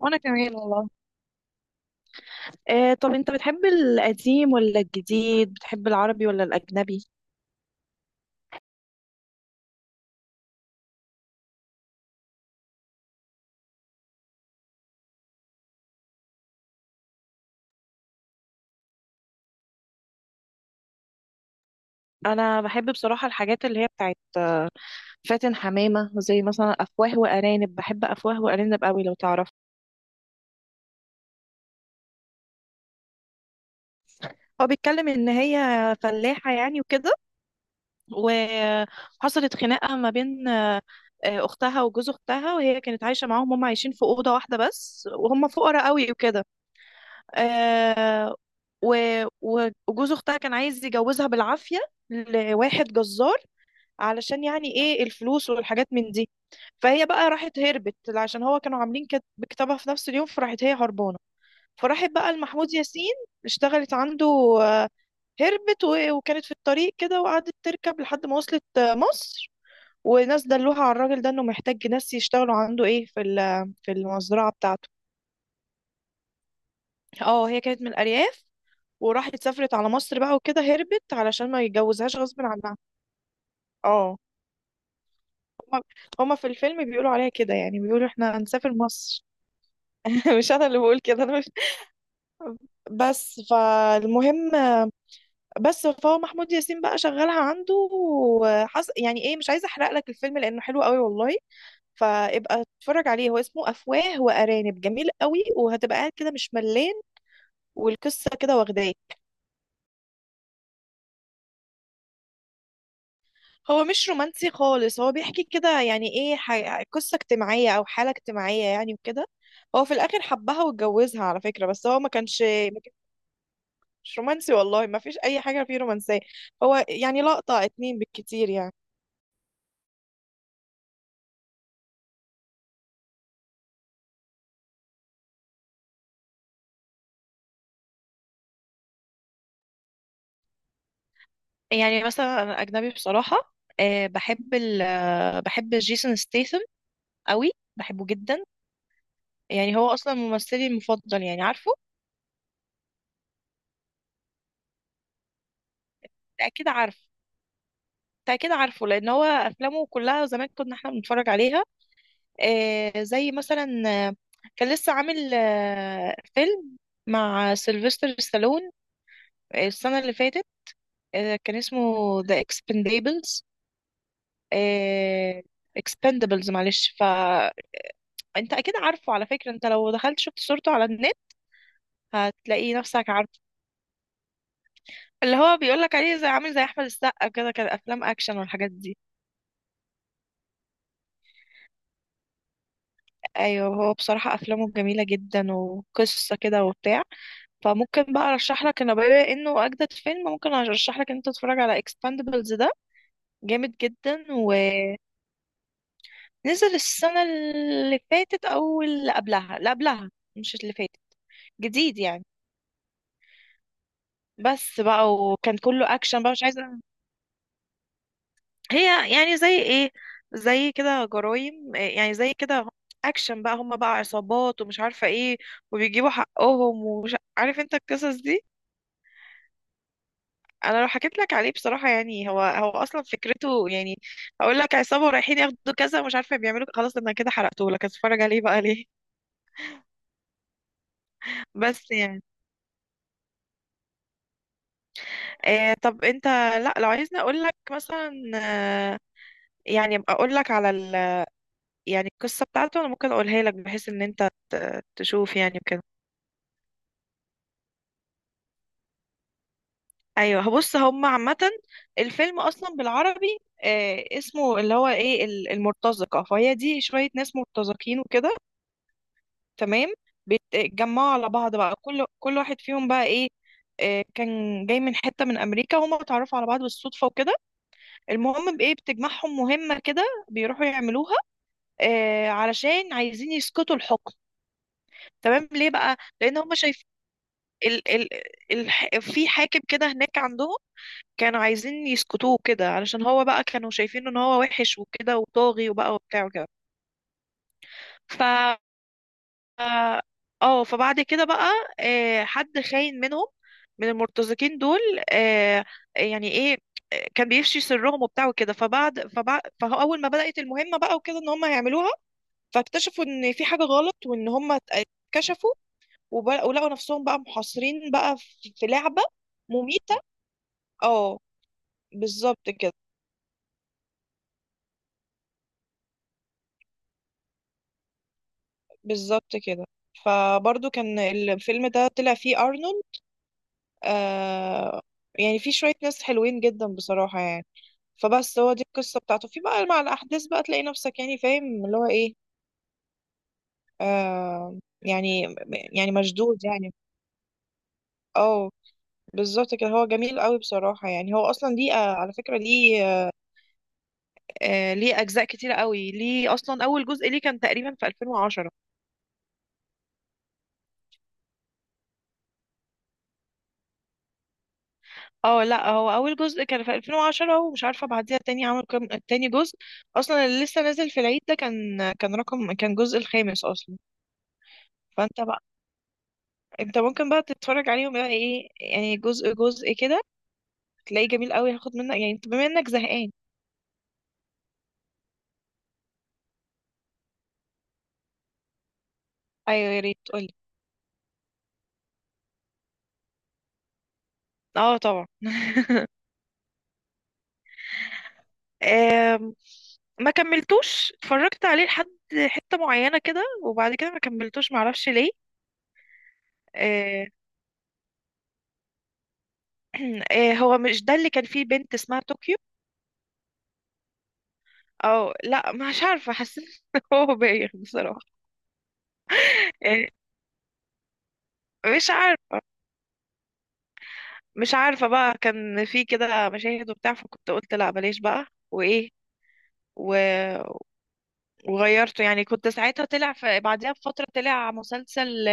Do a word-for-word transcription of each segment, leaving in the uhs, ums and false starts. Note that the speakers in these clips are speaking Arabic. وانا كمان والله. آه طب انت بتحب القديم ولا الجديد، بتحب العربي ولا الأجنبي؟ انا بحب بصراحة الحاجات اللي هي بتاعت آه، فاتن حمامة، زي مثلا أفواه وأرانب، بحب أفواه وأرانب قوي لو تعرف. هو بيتكلم ان هي فلاحة يعني وكده، وحصلت خناقة ما بين آه، آه، اختها وجوز اختها، وهي كانت عايشة معاهم، هم عايشين في أوضة واحدة بس، وهم فقراء قوي وكده. آه و... و- وجوز اختها كان عايز يجوزها بالعافية لواحد جزار، علشان يعني ايه الفلوس والحاجات من دي. فهي بقى راحت هربت، عشان هو كانوا عاملين كت- كتابها في نفس اليوم، فراحت هي هربانة. فراحت بقى لمحمود ياسين، اشتغلت عنده. آه، هربت و- وكانت في الطريق كده، وقعدت تركب لحد ما وصلت آه، مصر. وناس دلوها على الراجل ده، انه محتاج ناس يشتغلوا عنده، ايه، في ال- في المزرعة بتاعته. اه هي كانت من الأرياف، وراحت سافرت على مصر بقى وكده، هربت علشان ما يتجوزهاش غصب عنها. اه. هما هما في الفيلم بيقولوا عليها كده يعني، بيقولوا احنا هنسافر مصر. مش انا اللي بقول كده، انا مش، بس فالمهم. بس فهو محمود ياسين بقى شغالها عنده وحص... يعني ايه، مش عايزه احرق لك الفيلم لانه حلو قوي والله. فابقى اتفرج عليه، هو اسمه افواه وارانب، جميل قوي، وهتبقى قاعد كده مش ملان. والقصه كده واخداه. هو مش رومانسي خالص، هو بيحكي كده يعني ايه، ح- قصة اجتماعية او حالة اجتماعية يعني وكده. هو في الاخر حبها واتجوزها على فكرة، بس هو ما كانش ما كانش رومانسي والله، ما فيش اي حاجة فيه رومانسية. هو يعني لقطة اتنين بالكتير يعني. يعني مثلا انا اجنبي بصراحة، أه بحب ال آه، بحب جيسون ستيثم قوي، بحبه جدا. يعني هو اصلا ممثلي المفضل يعني، عارفه. أنت اكيد عارف أنت اكيد عارفه، لان هو افلامه كلها زمان كنا احنا بنتفرج عليها. آه، زي مثلا، آه، كان لسه عامل آه، فيلم مع سيلفستر ستالون السنة اللي فاتت، آه، كان اسمه The Expendables. آه، Expendables، معلش. فأنت أكيد عارفه على فكرة، أنت لو دخلت شفت صورته على النت هتلاقي نفسك عارفه. اللي هو بيقولك عليه زي، عامل زي أحمد السقا كده، كان أفلام أكشن والحاجات دي. ايوه، هو بصراحة افلامه جميلة جدا، وقصة كده وبتاع. فممكن بقى ارشح لك، انا بما انه اجدد فيلم، ممكن ارشح لك ان انت تتفرج على اكسباندبلز ده. جامد جدا، ونزل السنة اللي فاتت او اللي قبلها، اللي قبلها مش اللي فاتت، جديد يعني. بس بقى وكان كله اكشن بقى، مش عايزة. هي يعني زي ايه، زي كده جرايم إيه يعني، زي كده اكشن بقى، هم بقى عصابات ومش عارفة ايه، وبيجيبوا حقهم ومش عارف انت، القصص دي. انا لو حكيت لك عليه بصراحه، يعني هو هو اصلا فكرته يعني، هقول لك عصابه ورايحين ياخدوا كذا ومش عارفه بيعملوا ك- خلاص انا كده حرقته لك، اتفرج عليه بقى ليه. بس يعني، آه طب انت، لا لو عايزني اقول لك مثلا آه يعني أبقى اقول لك على ال يعني القصه بتاعته، انا ممكن اقولها لك بحيث ان انت ت- تشوف يعني وكده. ايوه، بص، هم عامه الفيلم اصلا بالعربي آه اسمه اللي هو ايه، ال- المرتزقه، فهي دي شويه ناس مرتزقين وكده. تمام. بيتجمعوا على بعض بقى، كل كل واحد فيهم بقى ايه، آه، كان جاي من حتة من أمريكا، هما اتعرفوا على بعض بالصدفة وكده. المهم بإيه، بتجمعهم مهمة كده بيروحوا يعملوها، آه، علشان عايزين يسقطوا الحكم. تمام. ليه بقى؟ لأن هما شايف، ال ال الح في حاكم كده هناك عندهم، كانوا عايزين يسقطوه كده، علشان هو بقى كانوا شايفين ان هو وحش وكده وطاغي وبقى وبتاع وكده. اه. آه، فبعد كده بقى آه حد خاين منهم، من المرتزقين دول، آه يعني ايه، آه، كان بيفشي سرهم وبتاع وكده. فبعد فبعد فاول ما بدأت المهمة بقى وكده، ان هم هيعملوها، فاكتشفوا ان في حاجة غلط وان هم اتكشفوا، وب- ولقوا نفسهم بقى محاصرين بقى في في لعبة مميتة. اه. بالظبط كده. بالظبط كده. فبرضو كان الفيلم ده طلع فيه أرنولد، آه يعني فيه شوية ناس حلوين جدا بصراحة يعني. فبس هو دي القصة بتاعته، في بقى مع الأحداث بقى تلاقي نفسك يعني فاهم اللي هو إيه، آه يعني، يعني مشدود يعني. اه بالظبط كده، هو جميل قوي بصراحة يعني، هو أصلا ليه آه، على فكرة ليه آه ليه أجزاء كتيرة قوي، ليه أصلا أول جزء ليه كان تقريبا في ألفين وعشرة. اه لا، هو أول جزء كان في ألفين وعشرة، ومش عارفة بعديها تاني عمل كام تاني جزء. أصلا اللي لسه نازل في العيد ده كان، كان رقم كان جزء الخامس أصلا. فأنت بقى، أنت ممكن بقى تتفرج عليهم بقى إيه يعني، جزء جزء كده، تلاقيه جميل قوي، هاخد منك، يعني انت بما انك زهقان. ايوه يا ريت قولي. اه طبعا. آم، ما كملتوش، اتفرجت عليه لحد حتة معينة كده، وبعد كده ما كملتوش معرفش ليه. آه، آه، هو مش ده اللي كان فيه بنت اسمها طوكيو؟ او لا مش عارفة، حسيت إن هو بايخ بصراحة يعني. مش عارفة، مش عارفة بقى كان في كده مشاهد وبتاع، فكنت قلت لا بلاش بقى، وايه و... وغيرته. يعني كنت ساعتها طلع ف... بعدها بفترة طلع مسلسل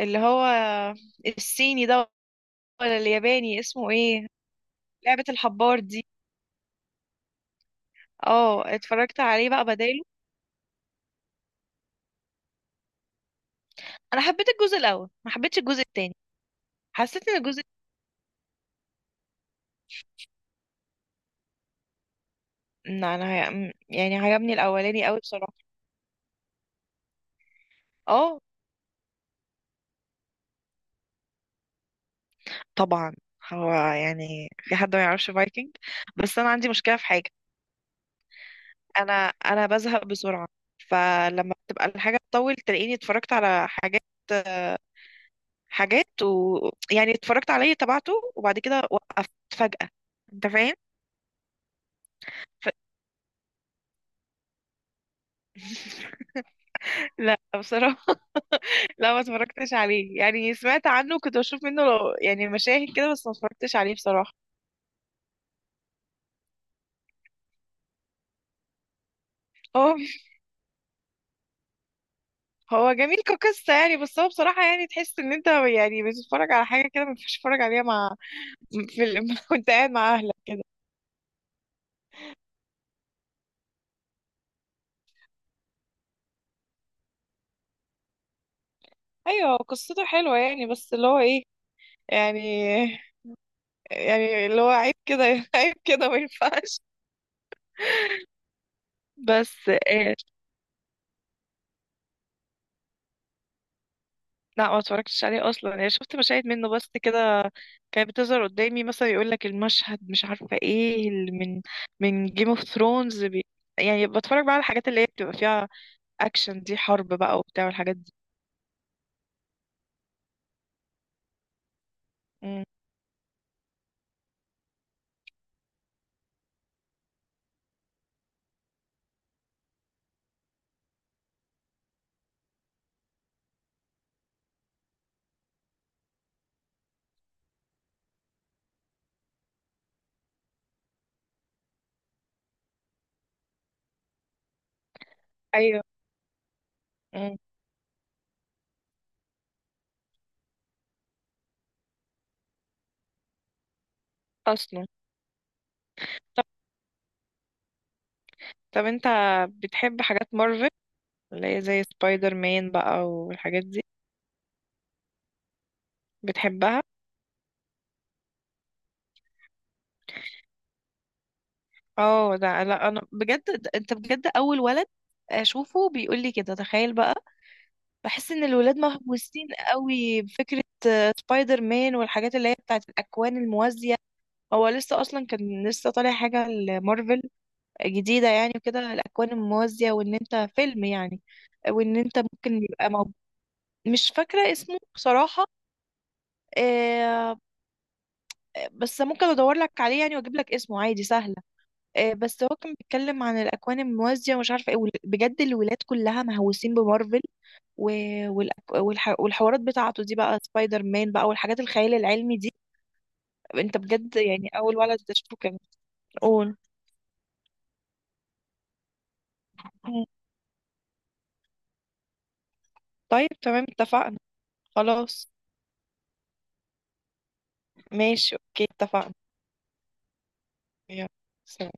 اللي هو الصيني ده ولا الياباني اسمه ايه، لعبة الحبار دي. اه، اتفرجت عليه بقى بداله. انا حبيت الجزء الاول، ما حبيتش الجزء التاني. حسيت ان الجزء لا انا هي... م- يعني عجبني الاولاني قوي بصراحة. اه طبعا. هو يعني في حد ما يعرفش فايكنج؟ بس انا عندي مشكلة في حاجة، انا انا بزهق بسرعة، فلما بتبقى الحاجة تطول تلاقيني اتفرجت على حاجات، حاجات و يعني اتفرجت عليه تبعته، وبعد كده وقفت فجأة، انت فاهم. لا بصراحة. لا ما اتفرجتش عليه، يعني سمعت عنه، كنت بشوف منه لو يعني مشاهد كده، بس ما اتفرجتش عليه بصراحة. هو هو جميل كقصة يعني، بس هو بصراحة يعني تحس ان انت يعني بتتفرج على حاجة كده ما ينفعش تتفرج عليها، مع، في ال... وانت قاعد مع اهلك كده. ايوه هو قصته حلوة يعني، بس اللي هو ايه، يعني يعني اللي هو عيب كده، عيب كده ما ينفعش. بس آه، لا ما اتفرجتش عليه اصلا، يعني شفت مشاهد منه بس كده، كانت بتظهر قدامي مثلا يقول لك المشهد مش عارفه ايه اللي من من جيم اوف ثرونز بي... يعني بتفرج بقى على الحاجات اللي هي بتبقى فيها اكشن دي، حرب بقى وبتاع والحاجات دي. مم. ايوه. مم. اصلا. طب، طب انت بتحب حاجات مارفل اللي هي زي سبايدر مان بقى والحاجات دي؟ بتحبها. اه ده، لا انا بجد ده- انت بجد اول ولد اشوفه بيقول لي كده، تخيل بقى. بحس ان الولاد مهووسين قوي بفكرة آه، سبايدر مان والحاجات اللي هي بتاعت الاكوان الموازية. هو لسه اصلا كان لسه طالع حاجه لمارفل جديده يعني وكده، الاكوان الموازيه وان انت فيلم يعني، وان انت ممكن يبقى موجود. مش فاكره اسمه بصراحه، آه، بس ممكن ادور لك عليه يعني واجيب لك اسمه عادي، سهله. آه، بس هو كان بيتكلم عن الاكوان الموازيه ومش عارفه ايه وال- بجد الولاد كلها مهووسين بمارفل و- والأك- والح- والحوارات بتاعته دي بقى، سبايدر مان بقى والحاجات الخيال العلمي دي. انت بجد يعني اول ولد تشوفه كده. قول. مم. طيب تمام، اتفقنا. خلاص ماشي، اوكي اتفقنا. يلا سلام.